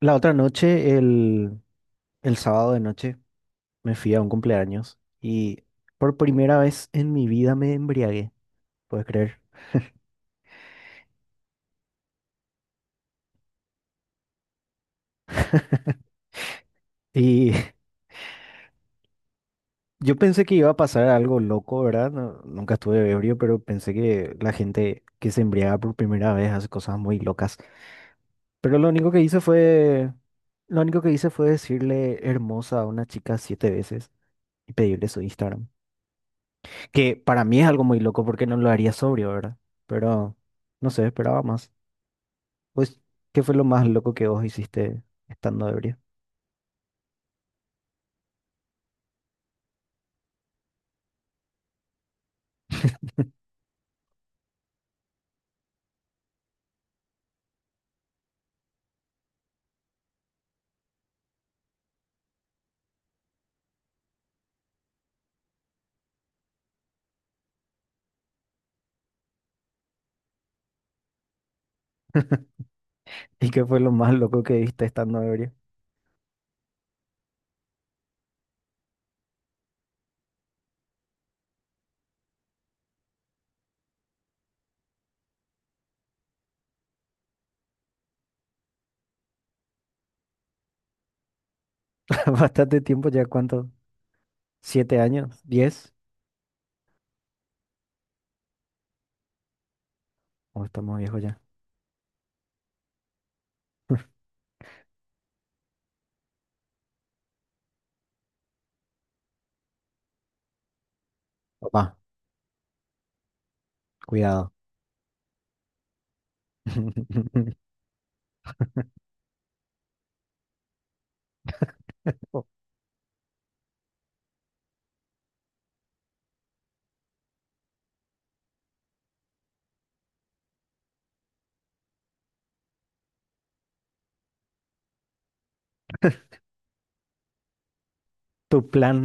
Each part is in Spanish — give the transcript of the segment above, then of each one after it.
La otra noche, el sábado de noche, me fui a un cumpleaños y por primera vez en mi vida me embriagué, puedes creer. Y yo pensé que iba a pasar algo loco, ¿verdad? Nunca estuve ebrio, pero pensé que la gente que se embriaga por primera vez hace cosas muy locas. Pero lo único que hice fue decirle hermosa a una chica 7 veces y pedirle su Instagram, que para mí es algo muy loco porque no lo haría sobrio, ¿verdad? Pero no sé, esperaba más. Pues, ¿qué fue lo más loco que vos hiciste estando ebrio? ¿Y qué fue lo más loco que viste estando ebrio? Bastante tiempo ya, ¿cuánto? ¿7 años? ¿10? ¿O estamos viejos ya? Papá, cuidado. Oh, tu plan,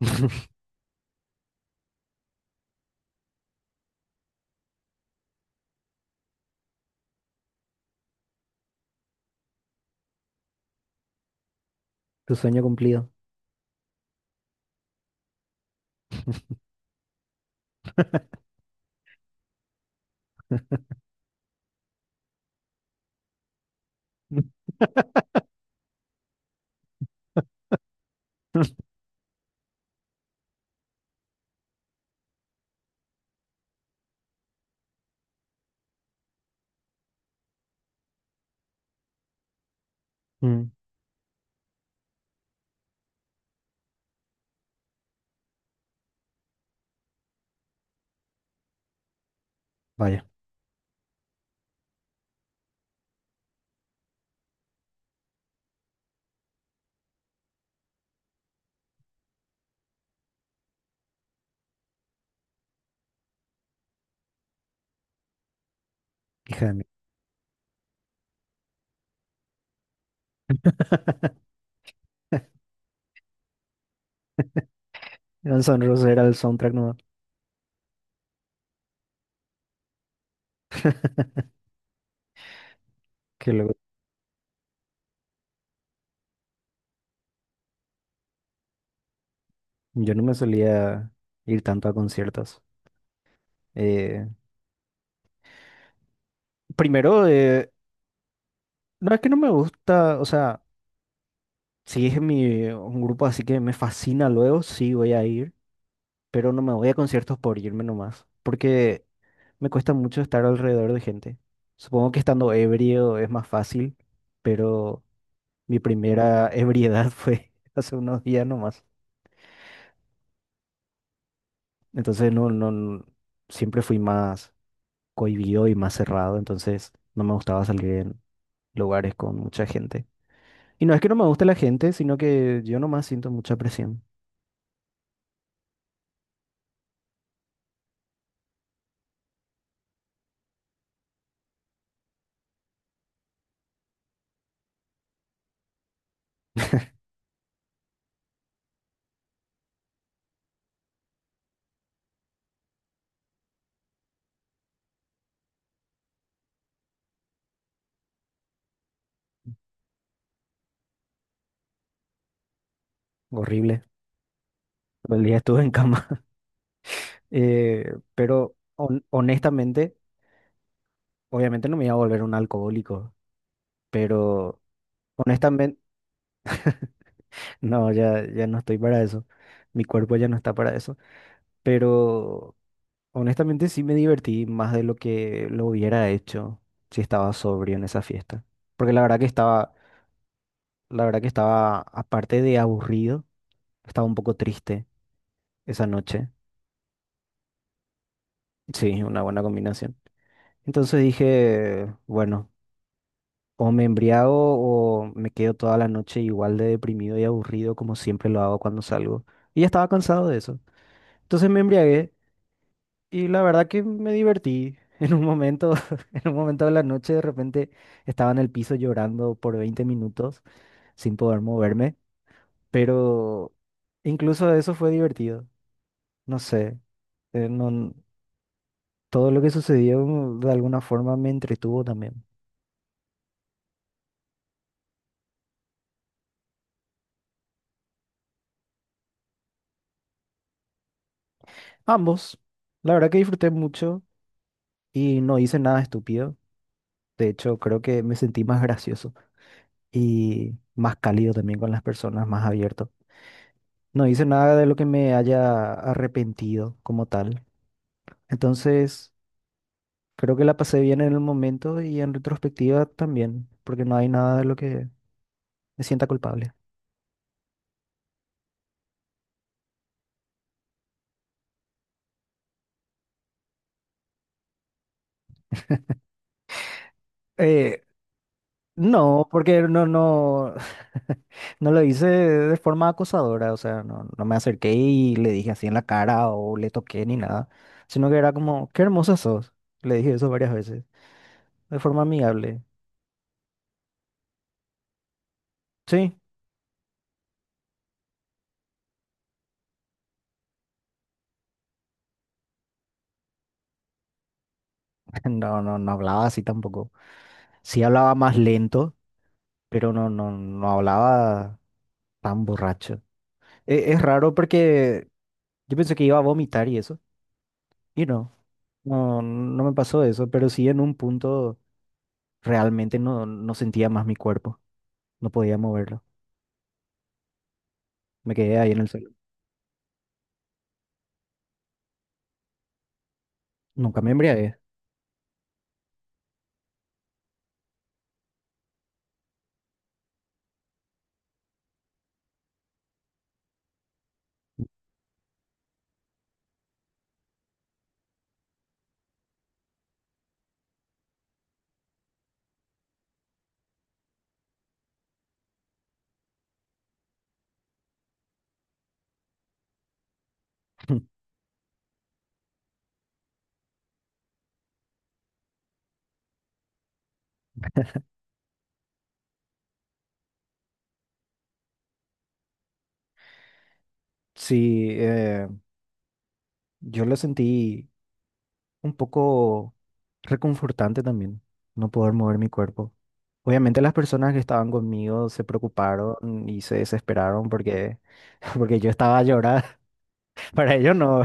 tu sueño cumplido. Mm, vaya, hija de mí. Guns N' Roses era el soundtrack nuevo. Que luego yo no me solía ir tanto a conciertos. Eh, Primero, no es que no me gusta, o sea. Si es un grupo así que me fascina luego, sí voy a ir, pero no me voy a conciertos por irme nomás, porque me cuesta mucho estar alrededor de gente. Supongo que estando ebrio es más fácil, pero mi primera ebriedad fue hace unos días nomás. Entonces no, no, siempre fui más cohibido y más cerrado, entonces no me gustaba salir en lugares con mucha gente. Y no es que no me guste la gente, sino que yo nomás siento mucha presión. Horrible. Todo el día estuve en cama. Eh, pero honestamente, obviamente no me iba a volver un alcohólico, pero honestamente, no, ya no estoy para eso. Mi cuerpo ya no está para eso. Pero honestamente sí me divertí más de lo que lo hubiera hecho si estaba sobrio en esa fiesta. Porque la verdad que estaba, aparte de aburrido, estaba un poco triste esa noche. Sí, una buena combinación. Entonces dije, bueno. O me embriago o me quedo toda la noche igual de deprimido y aburrido como siempre lo hago cuando salgo. Y ya estaba cansado de eso. Entonces me embriagué y la verdad que me divertí. En un momento, en un momento de la noche de repente estaba en el piso llorando por 20 minutos sin poder moverme, pero incluso eso fue divertido. No sé, eh, no- todo lo que sucedió de alguna forma me entretuvo también. Ambos, la verdad que disfruté mucho y no hice nada estúpido. De hecho, creo que me sentí más gracioso y más cálido también con las personas, más abierto. No hice nada de lo que me haya arrepentido como tal. Entonces, creo que la pasé bien en el momento y en retrospectiva también, porque no hay nada de lo que me sienta culpable. Eh, no, porque no, no, no lo hice de forma acosadora, o sea, no, no me acerqué y le dije así en la cara o le toqué ni nada, sino que era como, qué hermosa sos. Le dije eso varias veces de forma amigable. Sí, no, no, no hablaba así tampoco. Sí hablaba más lento, pero no, no, no hablaba tan borracho. Es raro porque yo pensé que iba a vomitar y eso, y no, no, no me pasó eso, pero sí en un punto realmente no, no sentía más mi cuerpo, no podía moverlo. Me quedé ahí en el suelo. Nunca me embriagué. Sí, yo lo sentí un poco reconfortante también, no poder mover mi cuerpo. Obviamente las personas que estaban conmigo se preocuparon y se desesperaron porque, porque yo estaba llorando. Para ellos no,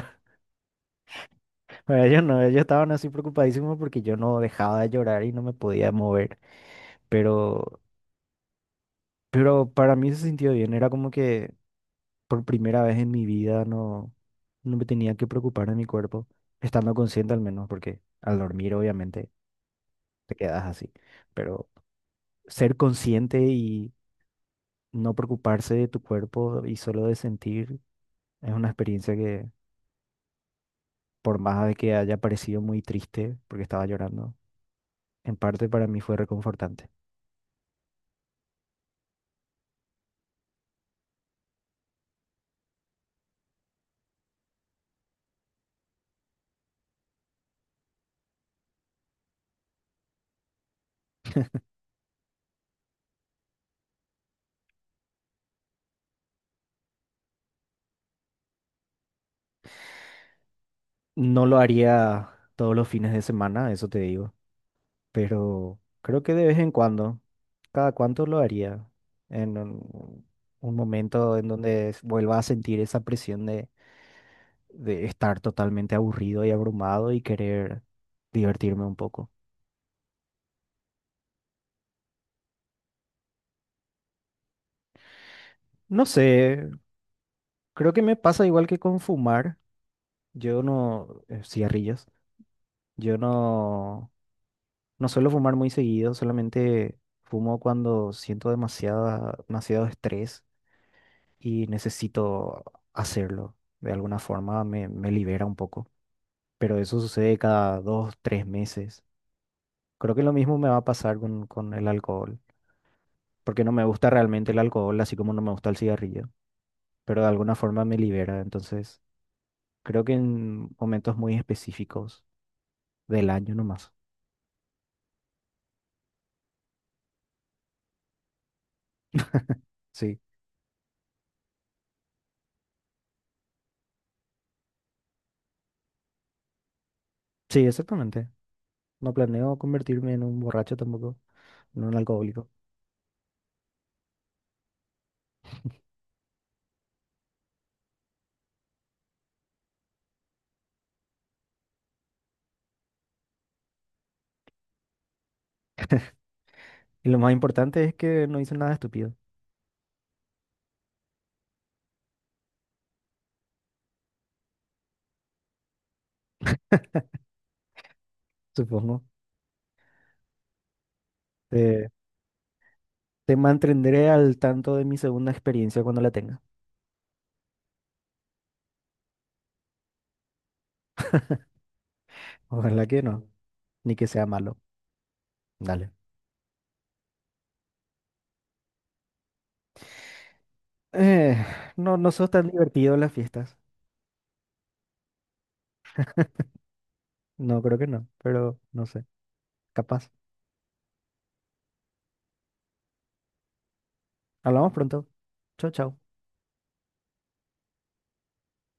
para ellos no, ellos estaban así preocupadísimos porque yo no dejaba de llorar y no me podía mover. Pero, pero para mí se sintió bien, era como que por primera vez en mi vida no, no me tenía que preocupar de mi cuerpo, estando consciente al menos, porque al dormir obviamente te quedas así. Pero ser consciente y no preocuparse de tu cuerpo y solo de sentir. Es una experiencia que, por más de que haya parecido muy triste, porque estaba llorando, en parte para mí fue reconfortante. No lo haría todos los fines de semana, eso te digo, pero creo que de vez en cuando, cada cuánto lo haría, en un momento en donde vuelva a sentir esa presión de, estar totalmente aburrido y abrumado y querer divertirme un poco. No sé, creo que me pasa igual que con fumar. Yo no, cigarrillos. Yo no, no suelo fumar muy seguido, solamente fumo cuando siento demasiado estrés y necesito hacerlo. De alguna forma me libera un poco, pero eso sucede cada 2, 3 meses. Creo que lo mismo me va a pasar con el alcohol, porque no me gusta realmente el alcohol, así como no me gusta el cigarrillo, pero de alguna forma me libera. Entonces, creo que en momentos muy específicos del año nomás. Sí, sí, exactamente. No planeo convertirme en un borracho tampoco, en un alcohólico. Y lo más importante es que no hice nada estúpido, supongo. Te, te mantendré al tanto de mi segunda experiencia cuando la tenga. Ojalá que no, ni que sea malo. Dale. Eh, no, no sos tan divertido en las fiestas. No, creo que no, pero no sé. Capaz. Hablamos pronto. Chau, chau.